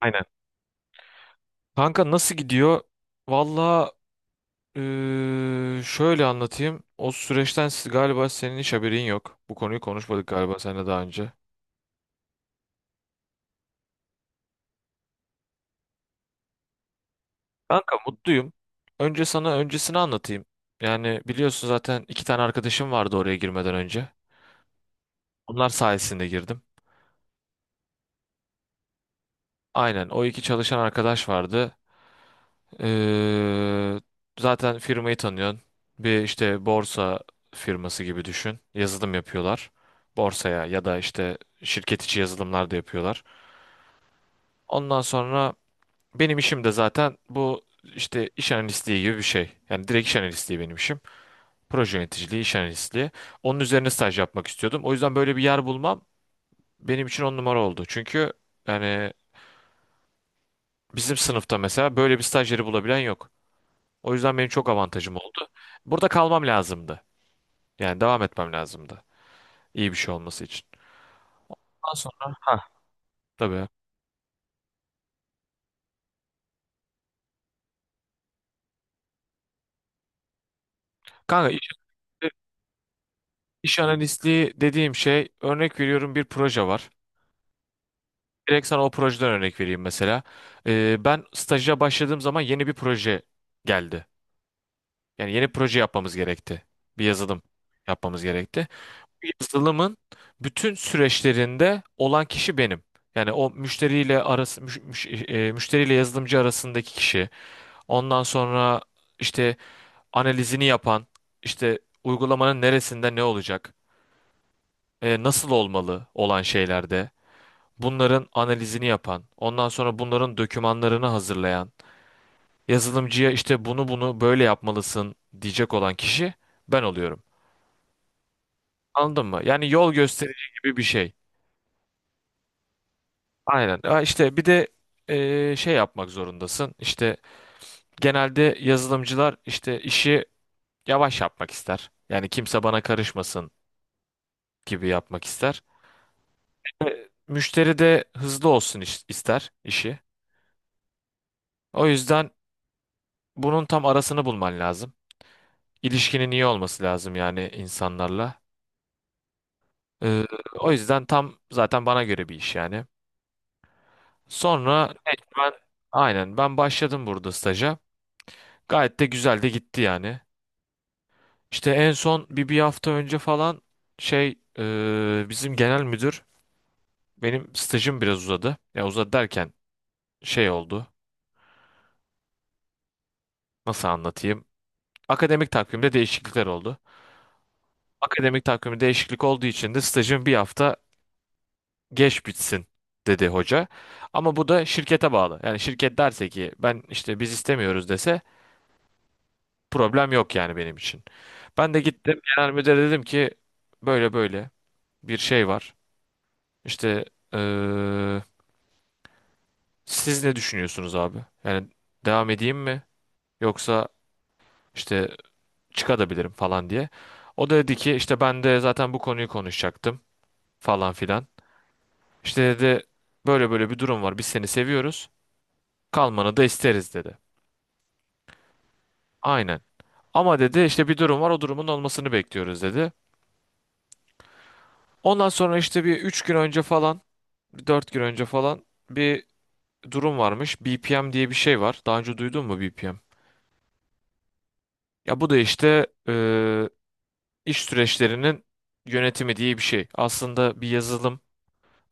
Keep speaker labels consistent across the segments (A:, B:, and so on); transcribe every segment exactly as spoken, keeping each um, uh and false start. A: Aynen. Kanka nasıl gidiyor? Valla eee, şöyle anlatayım. O süreçten siz- galiba senin hiç haberin yok. Bu konuyu konuşmadık galiba seninle daha önce. Kanka mutluyum. Önce sana öncesini anlatayım. Yani biliyorsun zaten iki tane arkadaşım vardı oraya girmeden önce. Onlar sayesinde girdim. Aynen, o iki çalışan arkadaş vardı. Ee, zaten firmayı tanıyorsun. Bir işte borsa firması gibi düşün. Yazılım yapıyorlar. Borsaya ya da işte şirket içi yazılımlar da yapıyorlar. Ondan sonra benim işim de zaten bu işte iş analistliği gibi bir şey. Yani direkt iş analistliği benim işim. Proje yöneticiliği, iş analistliği. Onun üzerine staj yapmak istiyordum. O yüzden böyle bir yer bulmam benim için on numara oldu. Çünkü yani bizim sınıfta mesela böyle bir stajyeri bulabilen yok. O yüzden benim çok avantajım oldu. Burada kalmam lazımdı. Yani devam etmem lazımdı. İyi bir şey olması için. Ondan sonra ha. Tabii. Kanka iş, iş analistliği dediğim şey, örnek veriyorum, bir proje var. Direkt sana o projeden örnek vereyim mesela. Ee, ben staja başladığım zaman yeni bir proje geldi. Yani yeni proje yapmamız gerekti. Bir yazılım yapmamız gerekti. Bu yazılımın bütün süreçlerinde olan kişi benim. Yani o müşteriyle arası müş- müş- e, müşteriyle yazılımcı arasındaki kişi. Ondan sonra işte analizini yapan, işte uygulamanın neresinde ne olacak, e, nasıl olmalı olan şeylerde, bunların analizini yapan, ondan sonra bunların dokümanlarını hazırlayan, yazılımcıya işte bunu bunu böyle yapmalısın diyecek olan kişi ben oluyorum. Anladın mı? Yani yol gösterici gibi bir şey. Aynen. Ha işte bir de e, şey yapmak zorundasın. İşte genelde yazılımcılar işte işi yavaş yapmak ister. Yani kimse bana karışmasın gibi yapmak ister. Müşteri de hızlı olsun iş- ister işi. O yüzden bunun tam arasını bulman lazım. İlişkinin iyi olması lazım yani insanlarla. Ee, o yüzden tam zaten bana göre bir iş yani. Sonra evet, ben, aynen, ben başladım burada staja. Gayet de güzel de gitti yani. İşte en son bir bir hafta önce falan şey e, bizim genel müdür, benim stajım biraz uzadı. Ya uzadı derken şey oldu. Nasıl anlatayım? Akademik takvimde değişiklikler oldu. Akademik takvimi değişiklik olduğu için de stajım bir hafta geç bitsin dedi hoca. Ama bu da şirkete bağlı. Yani şirket derse ki ben işte biz istemiyoruz dese, problem yok yani benim için. Ben de gittim genel müdüre dedim ki böyle böyle bir şey var. İşte eee, siz ne düşünüyorsunuz abi? Yani devam edeyim mi? Yoksa işte çıkabilirim falan diye. O da dedi ki işte ben de zaten bu konuyu konuşacaktım falan filan. İşte dedi böyle böyle bir durum var. Biz seni seviyoruz. Kalmanı da isteriz dedi. Aynen. Ama dedi işte bir durum var, o durumun olmasını bekliyoruz dedi. Ondan sonra işte bir üç gün önce falan, dört gün önce falan, bir durum varmış. B P M diye bir şey var. Daha önce duydun mu B P M? Ya bu da işte e, iş süreçlerinin yönetimi diye bir şey. Aslında bir yazılım.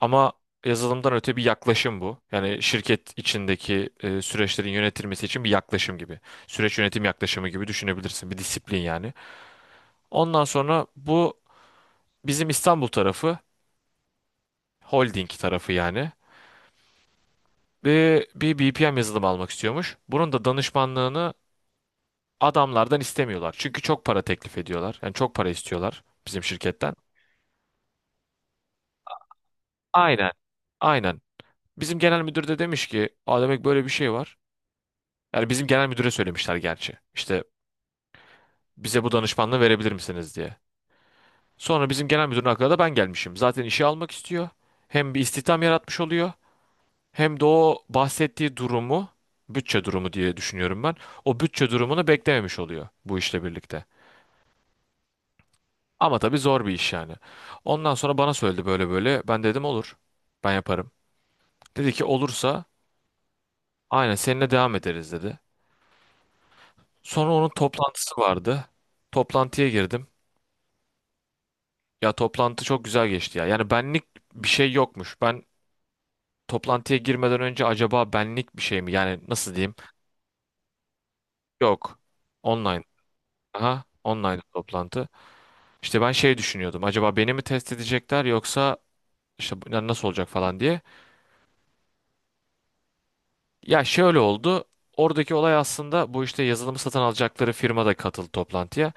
A: Ama yazılımdan öte bir yaklaşım bu. Yani şirket içindeki e, süreçlerin yönetilmesi için bir yaklaşım gibi. Süreç yönetim yaklaşımı gibi düşünebilirsin. Bir disiplin yani. Ondan sonra bu bizim İstanbul tarafı, holding tarafı yani. Bir, bir B P M yazılımı almak istiyormuş. Bunun da danışmanlığını adamlardan istemiyorlar. Çünkü çok para teklif ediyorlar. Yani çok para istiyorlar bizim şirketten. Aynen. Aynen. Bizim genel müdür de demiş ki, aa, demek böyle bir şey var. Yani bizim genel müdüre söylemişler gerçi. İşte bize bu danışmanlığı verebilir misiniz diye. Sonra bizim genel müdürün aklına da ben gelmişim. Zaten işe almak istiyor. Hem bir istihdam yaratmış oluyor. Hem de o bahsettiği durumu, bütçe durumu diye düşünüyorum ben, o bütçe durumunu beklememiş oluyor bu işle birlikte. Ama tabii zor bir iş yani. Ondan sonra bana söyledi böyle böyle. Ben dedim olur. Ben yaparım. Dedi ki olursa aynen seninle devam ederiz dedi. Sonra onun toplantısı vardı. Toplantıya girdim. Ya toplantı çok güzel geçti ya. Yani benlik bir şey yokmuş. Ben Toplantıya girmeden önce acaba benlik bir şey mi? Yani nasıl diyeyim? Yok. Online. Aha, online toplantı. İşte ben şey düşünüyordum. Acaba beni mi test edecekler yoksa işte bu- yani nasıl olacak falan diye. Ya şöyle oldu. Oradaki olay aslında bu, işte yazılımı satın alacakları firma da katıldı toplantıya.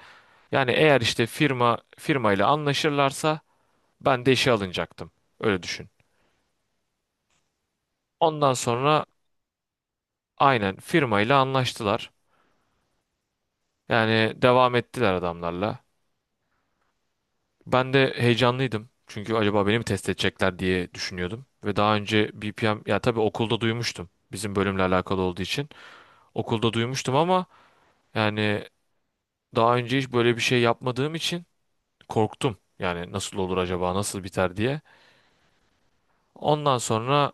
A: Yani eğer işte firma firmayla anlaşırlarsa ben de işe alınacaktım. Öyle düşün. Ondan sonra aynen firmayla anlaştılar. Yani devam ettiler adamlarla. Ben de heyecanlıydım. Çünkü acaba beni mi test edecekler diye düşünüyordum. Ve daha önce B P M, ya tabii, okulda duymuştum. Bizim bölümle alakalı olduğu için. Okulda duymuştum ama yani daha önce hiç böyle bir şey yapmadığım için korktum. Yani nasıl olur, acaba nasıl biter diye. Ondan sonra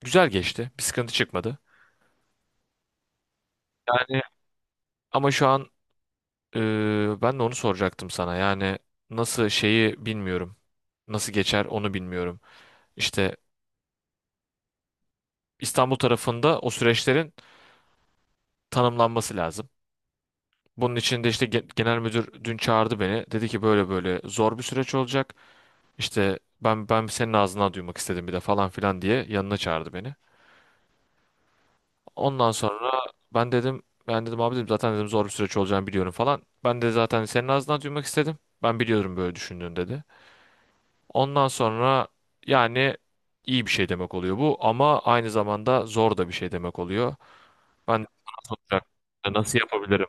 A: güzel geçti. Bir sıkıntı çıkmadı. Yani ama şu an e, ben de onu soracaktım sana. Yani nasıl, şeyi bilmiyorum. Nasıl geçer onu bilmiyorum. İşte İstanbul tarafında o süreçlerin tanımlanması lazım. Bunun için de işte ge- genel müdür dün çağırdı beni. Dedi ki böyle böyle zor bir süreç olacak. İşte ben ben senin ağzından duymak istedim bir de falan filan diye yanına çağırdı beni. Ondan sonra ben dedim ben dedim abi, dedim zaten, dedim zor bir süreç olacağını biliyorum falan. Ben de zaten senin ağzından duymak istedim. Ben biliyorum böyle düşündüğünü dedi. Ondan sonra yani iyi bir şey demek oluyor bu ama aynı zamanda zor da bir şey demek oluyor. Ben de sana soracaktım, nasıl yapabilirim?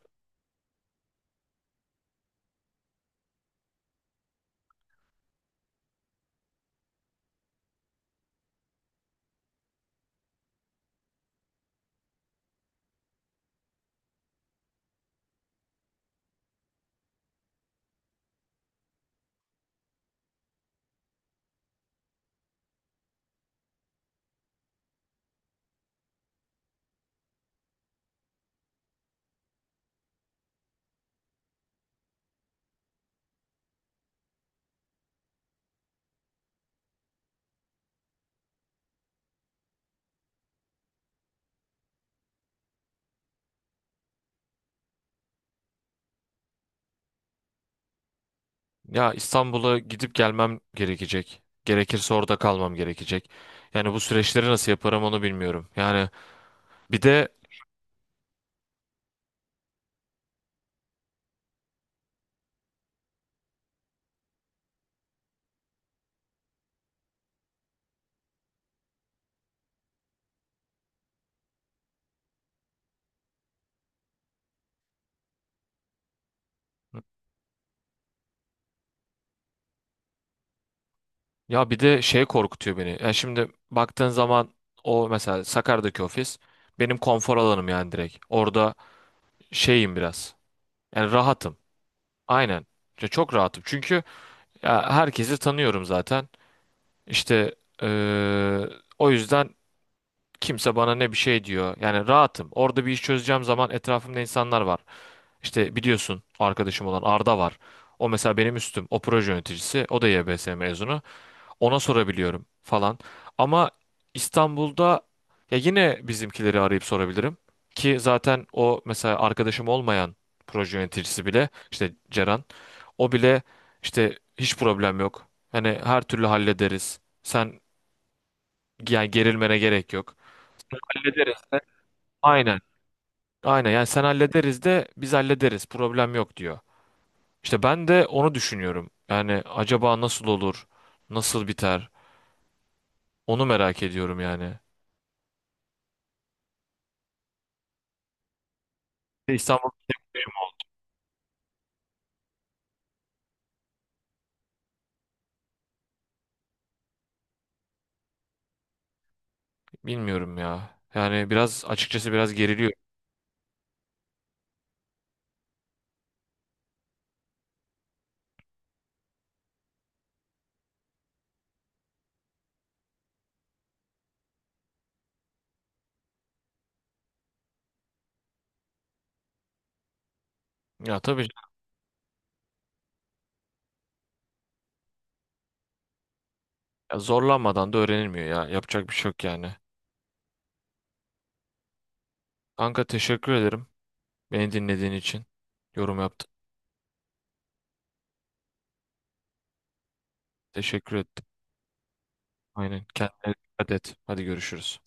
A: Ya İstanbul'a gidip gelmem gerekecek. Gerekirse orada kalmam gerekecek. Yani bu süreçleri nasıl yaparım onu bilmiyorum. Yani bir de ya bir de şey korkutuyor beni. Ya şimdi baktığın zaman, o mesela Sakarya'daki ofis benim konfor alanım yani, direkt. Orada şeyim biraz. Yani rahatım. Aynen. Ya çok rahatım. Çünkü ya herkesi tanıyorum zaten. İşte eee, o yüzden kimse bana ne bir şey diyor. Yani rahatım. Orada bir iş çözeceğim zaman etrafımda insanlar var. İşte biliyorsun, arkadaşım olan Arda var. O mesela benim üstüm. O proje yöneticisi. O da Y B S mezunu. Ona sorabiliyorum falan. Ama İstanbul'da, ya, yine bizimkileri arayıp sorabilirim. Ki zaten o mesela arkadaşım olmayan proje yöneticisi bile, işte Ceren, o bile işte hiç problem yok, hani her türlü hallederiz, sen yani gerilmene gerek yok. Hallederiz de. Aynen. Aynen yani, sen hallederiz de, biz hallederiz. Problem yok diyor. İşte ben de onu düşünüyorum. Yani acaba nasıl olur? Nasıl biter? Onu merak ediyorum yani. İşte İstanbul, bilmiyorum ya. Yani biraz açıkçası biraz geriliyor. Ya tabii canım, ya zorlanmadan da öğrenilmiyor ya. Yapacak bir şey yok yani. Kanka teşekkür ederim. Beni dinlediğin için. Yorum yaptın. Teşekkür ettim. Aynen. Kendine dikkat et. Hadi görüşürüz.